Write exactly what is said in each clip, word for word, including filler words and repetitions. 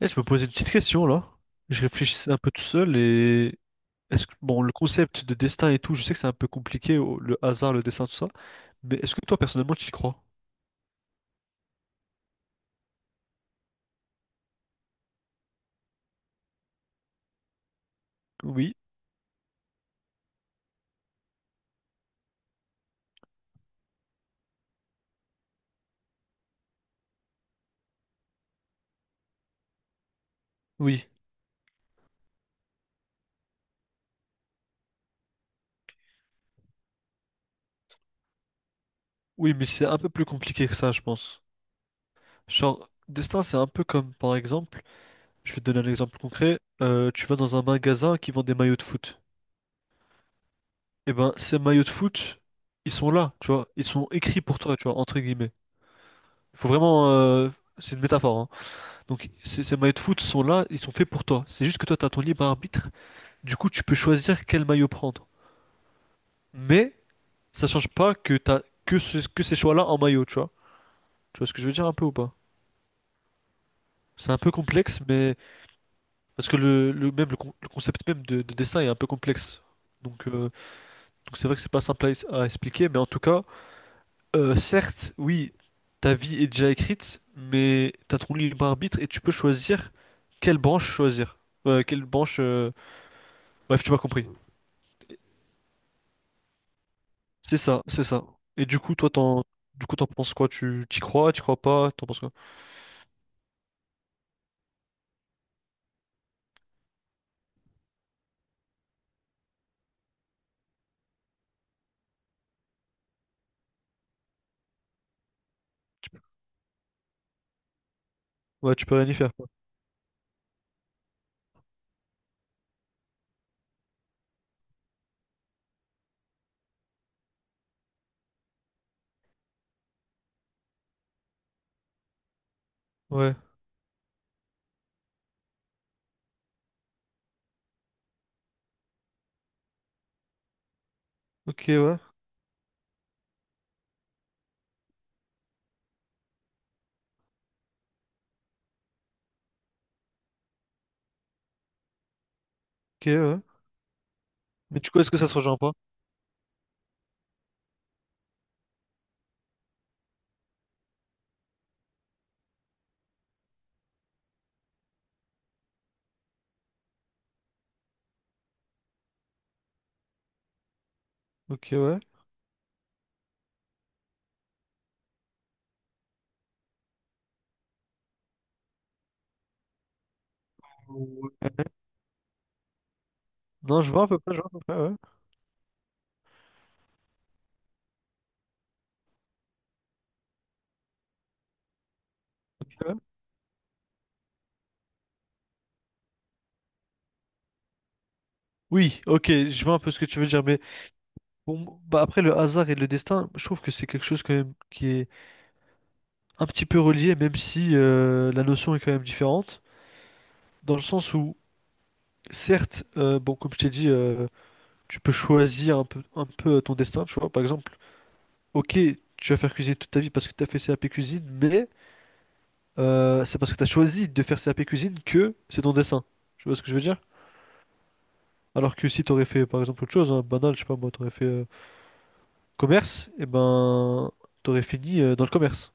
Et je me posais une petite question là. Je réfléchissais un peu tout seul et est-ce que bon le concept de destin et tout, je sais que c'est un peu compliqué au- le hasard, le destin, tout ça, mais est-ce que toi personnellement tu y crois? Oui, oui, oui, mais c'est un peu plus compliqué que ça, je pense. Genre destin, c'est un peu comme par exemple, je vais te donner un exemple concret. Euh, tu vas dans un magasin qui vend des maillots de foot. Et ben ces maillots de foot, ils sont là, tu vois, ils sont écrits pour toi, tu vois, entre guillemets. Il faut vraiment, euh, c'est une métaphore, hein. Donc ces, ces maillots de foot sont là, ils sont faits pour toi. C'est juste que toi, tu as ton libre arbitre. Du coup, tu peux choisir quel maillot prendre. Mais ça change pas que t'as que, ce- que ces choix-là en maillot, tu vois. Tu vois ce que je veux dire un peu ou pas? C'est un peu complexe, mais parce que le, le même le, con- le concept même de, de dessin est un peu complexe. Donc euh, donc c'est vrai que c'est pas simple à, es- à expliquer, mais en tout cas, euh, certes, oui, ta vie est déjà écrite, mais t'as ton libre arbitre et tu peux choisir quelle branche choisir. Euh, quelle branche. Euh, Bref, tu m'as compris. C'est ça, c'est ça. Et du coup, toi, t'en, du coup, t'en penses quoi? Tu t'y crois, t'y crois pas, t'en penses quoi? Ouais, tu peux rien y faire, quoi. Ouais. Ok, ouais. Ok, ouais. Mais du coup, est-ce que ça se rejoint pas? Ok, ouais. Ouais. Non, je vois à peu près, je vois à peu près, ouais. Ok, ouais. Oui, ok, je vois un peu ce que tu veux dire, mais bon, bah après le hasard et le destin, je trouve que c'est quelque chose quand même qui est un petit peu relié, même si euh, la notion est quand même différente, dans le sens où, certes, euh, bon, comme je t'ai dit, euh, tu peux choisir un peu, un peu euh, ton destin, tu vois, par exemple. Ok, tu vas faire cuisiner toute ta vie parce que tu as fait CAP cuisine, mais euh, c'est parce que tu as choisi de faire CAP cuisine que c'est ton dessin. Tu vois ce que je veux dire? Alors que si tu aurais fait par exemple autre chose, hein, banal, je sais pas moi, tu aurais fait euh, commerce, et ben tu aurais fini euh, dans le commerce.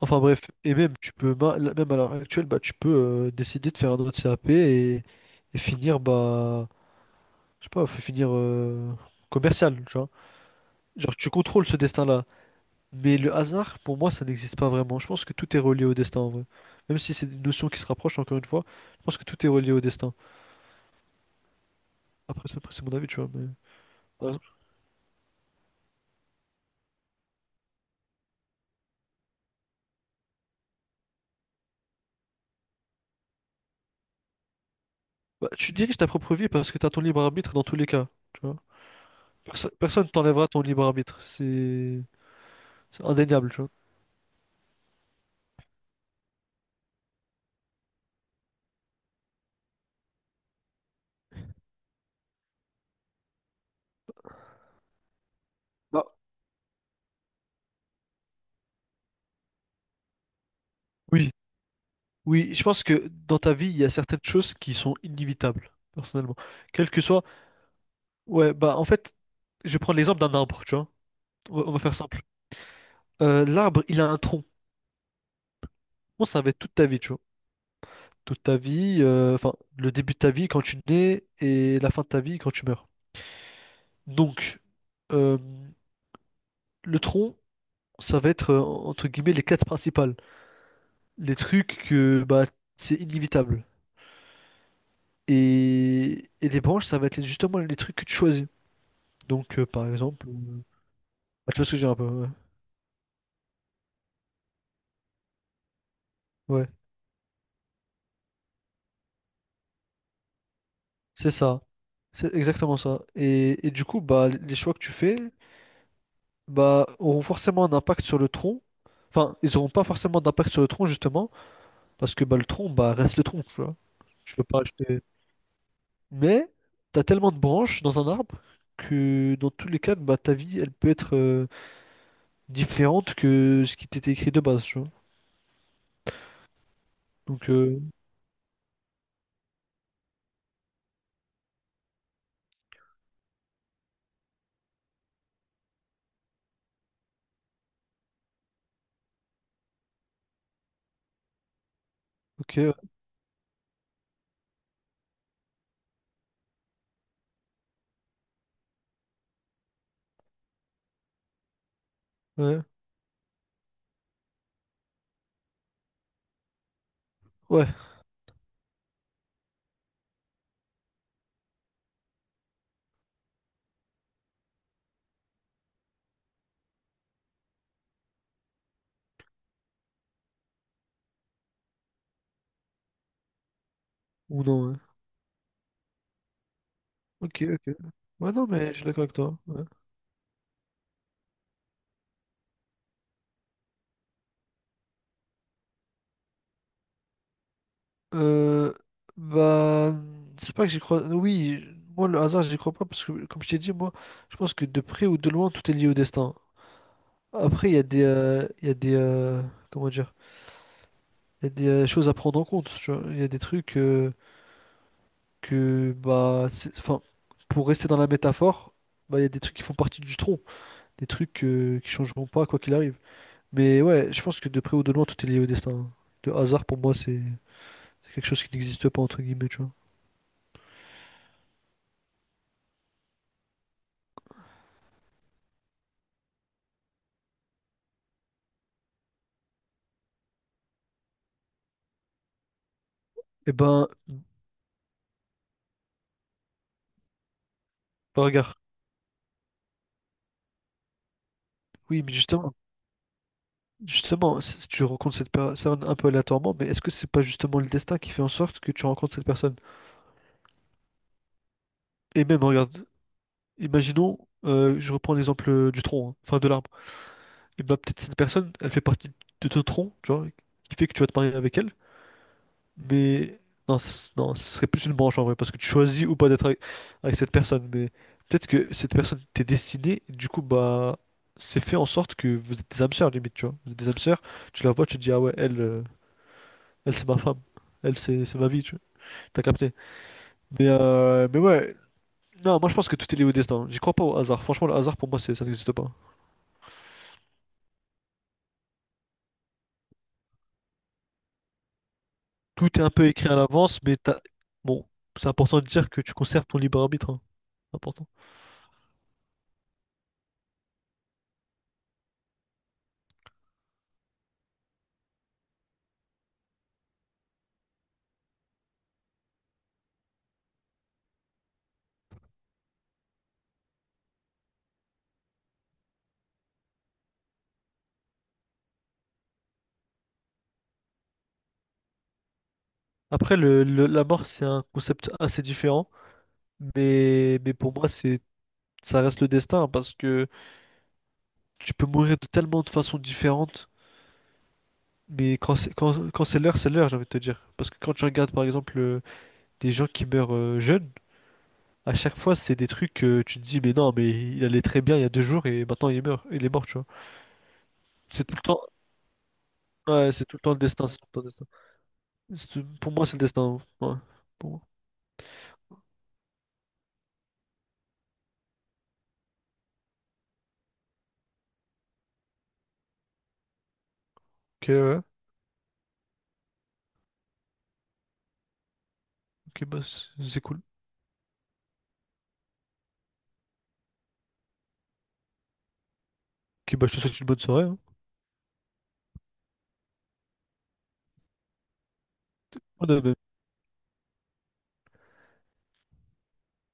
Enfin bref, et même tu peux ma- là- même à l'heure actuelle, bah, tu peux euh, décider de faire un autre CAP et, et finir bah je sais pas, faut finir euh, commercial, tu vois. Genre tu contrôles ce destin-là. Mais le hasard, pour moi, ça n'existe pas vraiment. Je pense que tout est relié au destin en vrai. Même si c'est des notions qui se rapprochent, encore une fois, je pense que tout est relié au destin. Après, ça- après, c'est mon avis, tu vois. Mais... Par exemple, bah, tu diriges ta propre vie parce que tu as ton libre arbitre dans tous les cas, tu vois. Perso- personne t'enlèvera ton libre arbitre. C'est c'est indéniable, tu vois. Bah, oui. Oui, je pense que dans ta vie, il y a certaines choses qui sont inévitables, personnellement. Quel que soit. Ouais, bah en fait, je vais prendre l'exemple d'un arbre, tu vois. On va on va faire simple. Euh, l'arbre, il a un tronc. Moi, ça va être toute ta vie, tu vois. Toute ta vie, euh, enfin, le début de ta vie quand tu nais et la fin de ta vie quand tu meurs. Donc, euh, le tronc, ça va être, euh, entre guillemets, les quêtes principales. Les trucs que, bah, c'est inévitable. Et, et les branches, ça va être justement les trucs que tu choisis. Donc, euh, par exemple, euh, bah, tu vois ce que je veux dire un peu, ouais. Ouais, c'est ça. C'est exactement ça. Et, et du coup, bah, les choix que tu fais, bah, auront forcément un impact sur le tronc. Enfin, ils n'auront pas forcément d'impact sur le tronc, justement. Parce que bah, le tronc, bah, reste le tronc, tu vois. Je peux pas acheter. Mais t'as tellement de branches dans un arbre que dans tous les cas, bah, ta vie, elle peut être euh, différente que ce qui t'était écrit de base, tu vois. Donc, euh, ok, ouais, ouais, ouais. Ou non, ouais. Ok, ok. Ouais, non, mais je suis d'accord avec toi, ouais. Euh, Bah, c'est pas que j'y crois. Oui, moi, le hasard, j'y crois pas parce que, comme je t'ai dit, moi, je pense que de près ou de loin, tout est lié au destin. Après, il y a des, euh, il y a des, euh, comment dire? Il y a des euh, choses à prendre en compte, tu vois. Il y a des trucs euh, que, bah, c'est- enfin, pour rester dans la métaphore, bah, il y a des trucs qui font partie du tronc, des trucs euh, qui changeront pas quoi qu'il arrive. Mais ouais, je pense que de près ou de loin, tout est lié au destin, hein. Le hasard, pour moi, c'est c'est quelque chose qui n'existe pas, entre guillemets, tu vois. Eh ben, bah, regarde, oui, mais justement, justement, si si tu rencontres cette personne un peu aléatoirement, mais est-ce que c'est pas justement le destin qui fait en sorte que tu rencontres cette personne? Et même, regarde, imaginons, euh, je reprends l'exemple euh, du tronc, hein, enfin de l'arbre. Et bah peut-être cette personne, elle fait partie de ton tronc, genre, qui fait que tu vas te marier avec elle. Mais non, c- non, ce serait plus une branche en vrai, parce que tu choisis ou pas d'être avec, avec cette personne. Mais peut-être que cette personne t'est destinée, et du coup, bah, c'est fait en sorte que vous êtes des âmes sœurs, limite, tu vois. Vous êtes des âmes sœurs, tu la vois, tu te dis, ah ouais, elle, euh, elle c'est ma femme. Elle, c'est c'est ma vie, tu vois. T'as capté. Mais, euh, mais ouais, non, moi je pense que tout est lié au destin. J'y crois pas au hasard. Franchement, le hasard, pour moi, c'est- ça n'existe pas. Tout est un peu écrit à l'avance, mais t'as... bon, c'est important de dire que tu conserves ton libre arbitre, hein. C'est important. Après, le, le- la mort, c'est un concept assez différent, mais, mais pour moi, c'est, ça reste le destin hein, parce que tu peux mourir de tellement de façons différentes. Mais quand c'est quand, quand c'est l'heure, c'est l'heure, j'ai envie de te dire. Parce que quand tu regardes par exemple euh, des gens qui meurent euh, jeunes, à chaque fois c'est des trucs que tu te dis mais non mais il allait très bien il y a deux jours et maintenant il est mort, il est mort, tu vois. C'est tout le temps Ouais, c'est tout le temps le destin, c'est tout le temps le destin. C'est- Pour moi c'est le destin, hein. Ouais. Pour moi. Ok ouais. Ok bah c'est c'est cool. Ok bah je te souhaite une bonne soirée, hein. Ouais, bah,